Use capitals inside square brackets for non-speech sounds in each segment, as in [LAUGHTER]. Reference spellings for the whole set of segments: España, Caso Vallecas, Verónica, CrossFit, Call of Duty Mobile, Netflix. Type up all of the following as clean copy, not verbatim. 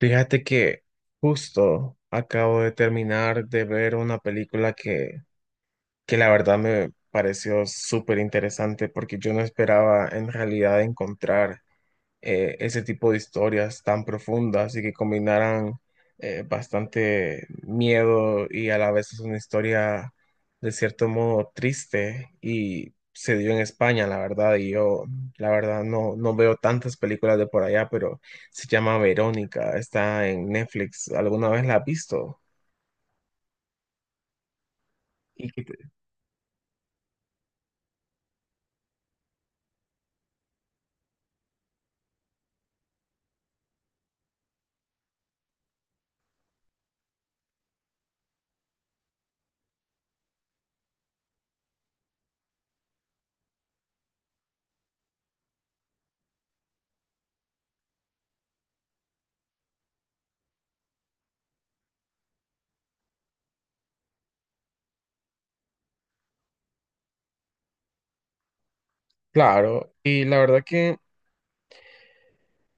Fíjate que justo acabo de terminar de ver una película que la verdad me pareció súper interesante porque yo no esperaba en realidad encontrar ese tipo de historias tan profundas y que combinaran bastante miedo, y a la vez es una historia de cierto modo triste y se dio en España, la verdad. Y yo la verdad no, no veo tantas películas de por allá, pero se llama Verónica, está en Netflix. ¿Alguna vez la has visto? Y que te- claro, y la verdad que...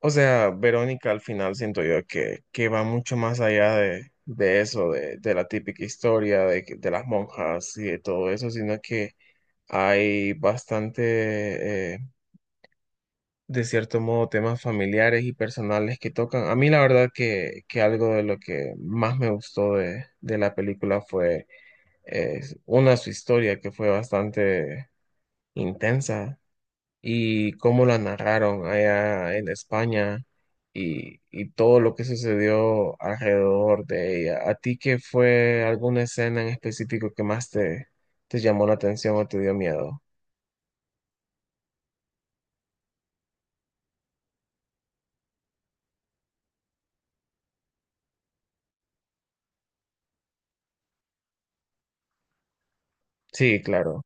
O sea, Verónica al final siento yo que va mucho más allá de la típica historia de las monjas y de todo eso, sino que hay bastante, de cierto modo, temas familiares y personales que tocan. A mí la verdad que algo de lo que más me gustó de la película fue eh, una, su historia que fue bastante intensa, y cómo la narraron allá en España y todo lo que sucedió alrededor de ella. ¿A ti qué fue alguna escena en específico que más te llamó la atención o te dio miedo? Sí, claro.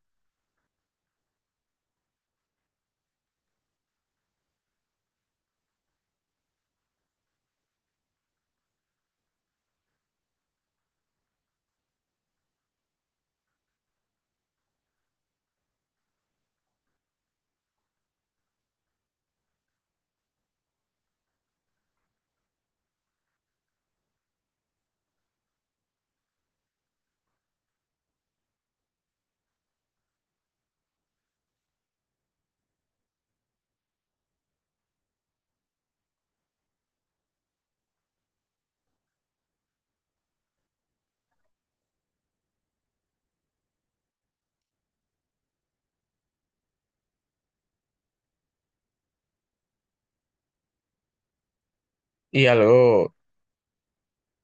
Y algo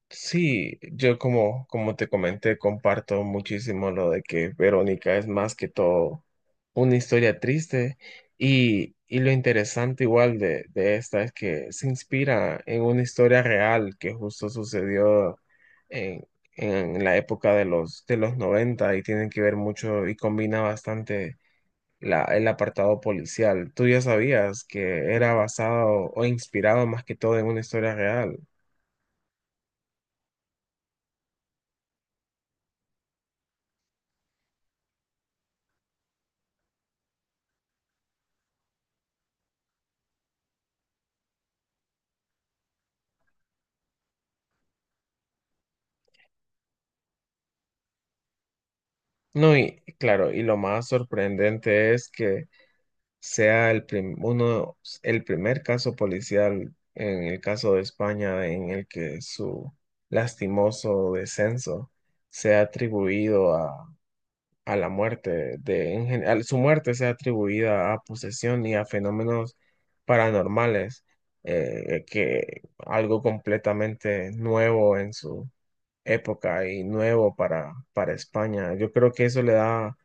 Sí, yo como, como te comenté, comparto muchísimo lo de que Verónica es más que todo una historia triste, y lo interesante igual de esta es que se inspira en una historia real que justo sucedió en, en la época de los noventa, y tienen que ver mucho y combina bastante la, el apartado policial. ¿Tú ya sabías que era basado o inspirado más que todo en una historia real? No, y claro, y lo más sorprendente es que sea uno, el primer caso policial en el caso de España en el que su lastimoso descenso sea atribuido a la muerte de, en general, su muerte sea atribuida a posesión y a fenómenos paranormales. Que algo completamente nuevo en su época y nuevo para España. Yo creo que eso le da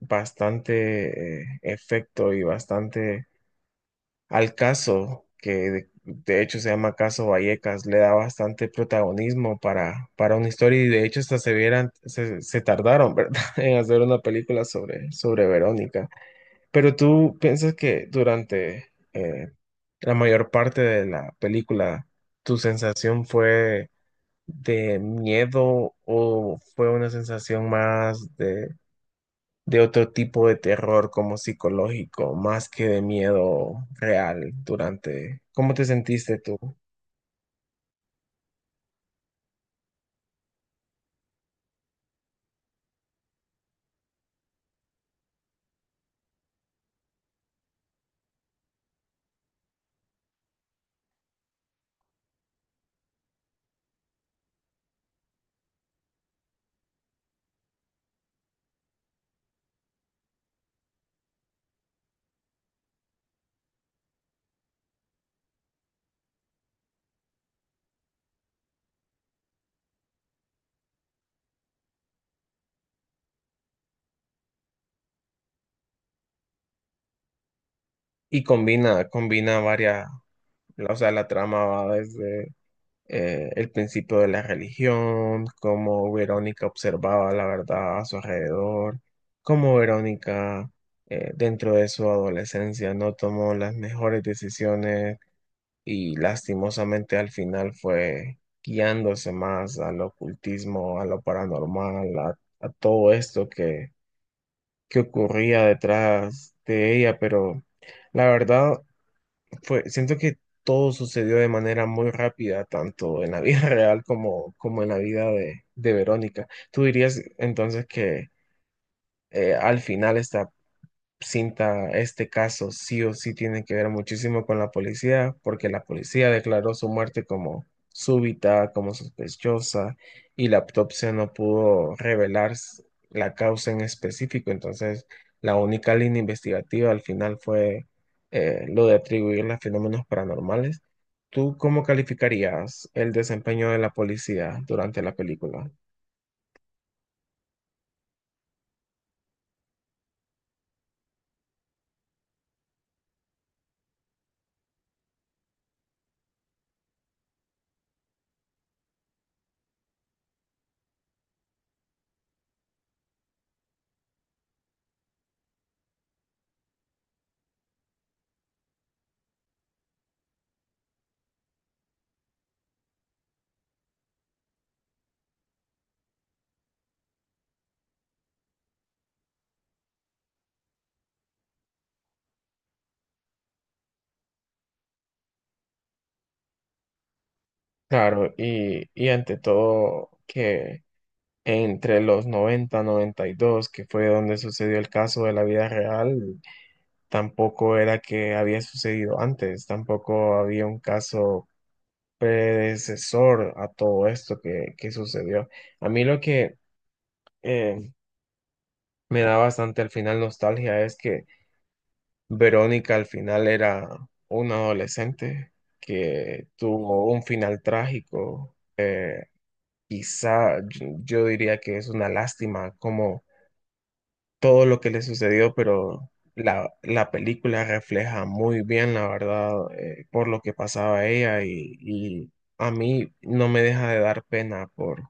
bastante efecto y bastante al caso, que de hecho se llama Caso Vallecas, le da bastante protagonismo para una historia. Y de hecho hasta se vieran, se tardaron, [LAUGHS] ¿verdad?, en hacer una película sobre Verónica. Pero tú piensas que durante la mayor parte de la película, tu sensación fue de miedo o fue una sensación más de otro tipo de terror como psicológico, más que de miedo real durante... ¿Cómo te sentiste tú? Y combina, combina varias, o sea, la trama va desde el principio de la religión, cómo Verónica observaba la verdad a su alrededor, cómo Verónica dentro de su adolescencia no tomó las mejores decisiones, y lastimosamente al final fue guiándose más al ocultismo, a lo paranormal, a todo esto que ocurría detrás de ella. Pero la verdad fue, siento que todo sucedió de manera muy rápida, tanto en la vida [LAUGHS] real como, como en la vida de Verónica. ¿Tú dirías entonces que al final está cinta, este caso sí o sí tiene que ver muchísimo con la policía, porque la policía declaró su muerte como súbita, como sospechosa, y la autopsia no pudo revelar la causa en específico? Entonces, la única línea investigativa al final fue lo de atribuir a fenómenos paranormales. ¿Tú cómo calificarías el desempeño de la policía durante la película? Claro, y ante todo que... Entre los 90, 92, que fue donde sucedió el caso de la vida real, tampoco era que había sucedido antes, tampoco había un caso predecesor a todo esto que sucedió. A mí lo que eh, me da bastante al final nostalgia es que Verónica al final era una adolescente que tuvo un final trágico. Quizá yo diría que es una lástima como todo lo que le sucedió, pero la película refleja muy bien, la verdad, por lo que pasaba ella, y a mí no me deja de dar pena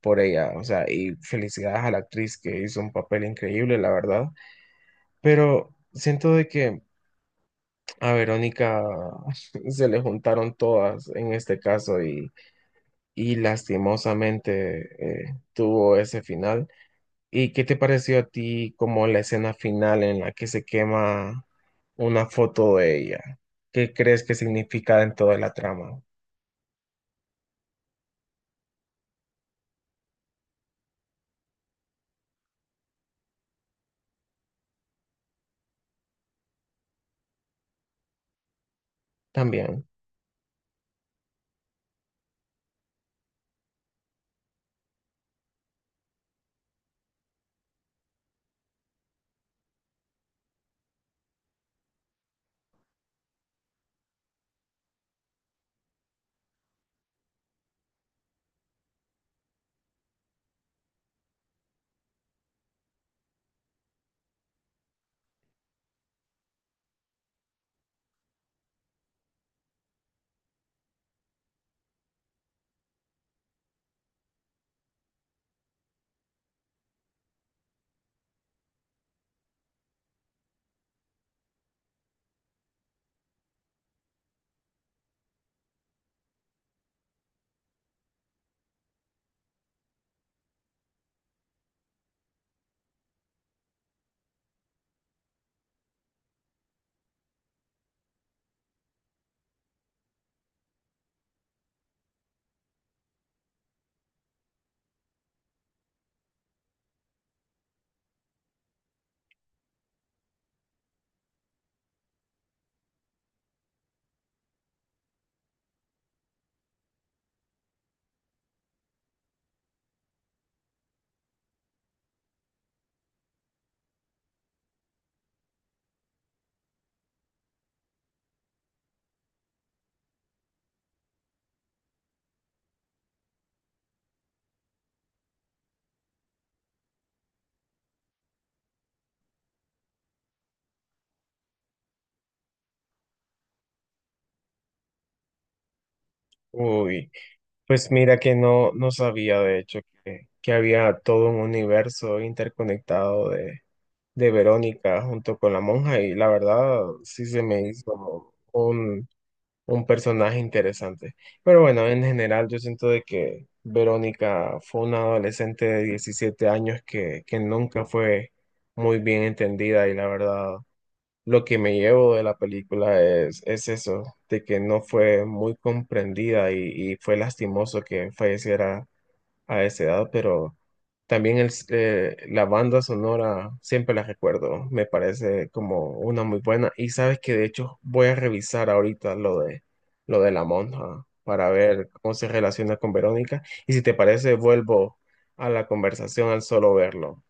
por ella, o sea. Y felicidades a la actriz que hizo un papel increíble, la verdad, pero siento de que a Verónica [LAUGHS] se le juntaron todas en este caso y lastimosamente tuvo ese final. ¿Y qué te pareció a ti como la escena final en la que se quema una foto de ella? ¿Qué crees que significa en toda la trama? También. Uy, pues mira que no, no sabía de hecho que había todo un universo interconectado de Verónica junto con la monja, y la verdad sí se me hizo un personaje interesante. Pero bueno, en general yo siento de que Verónica fue una adolescente de 17 años que nunca fue muy bien entendida. Y la verdad lo que me llevo de la película es eso, de que no fue muy comprendida y fue lastimoso que falleciera a esa edad. Pero también la banda sonora siempre la recuerdo, me parece como una muy buena. Y sabes que de hecho voy a revisar ahorita lo de la monja para ver cómo se relaciona con Verónica. Y si te parece, vuelvo a la conversación al solo verlo.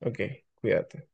Ok, cuídate.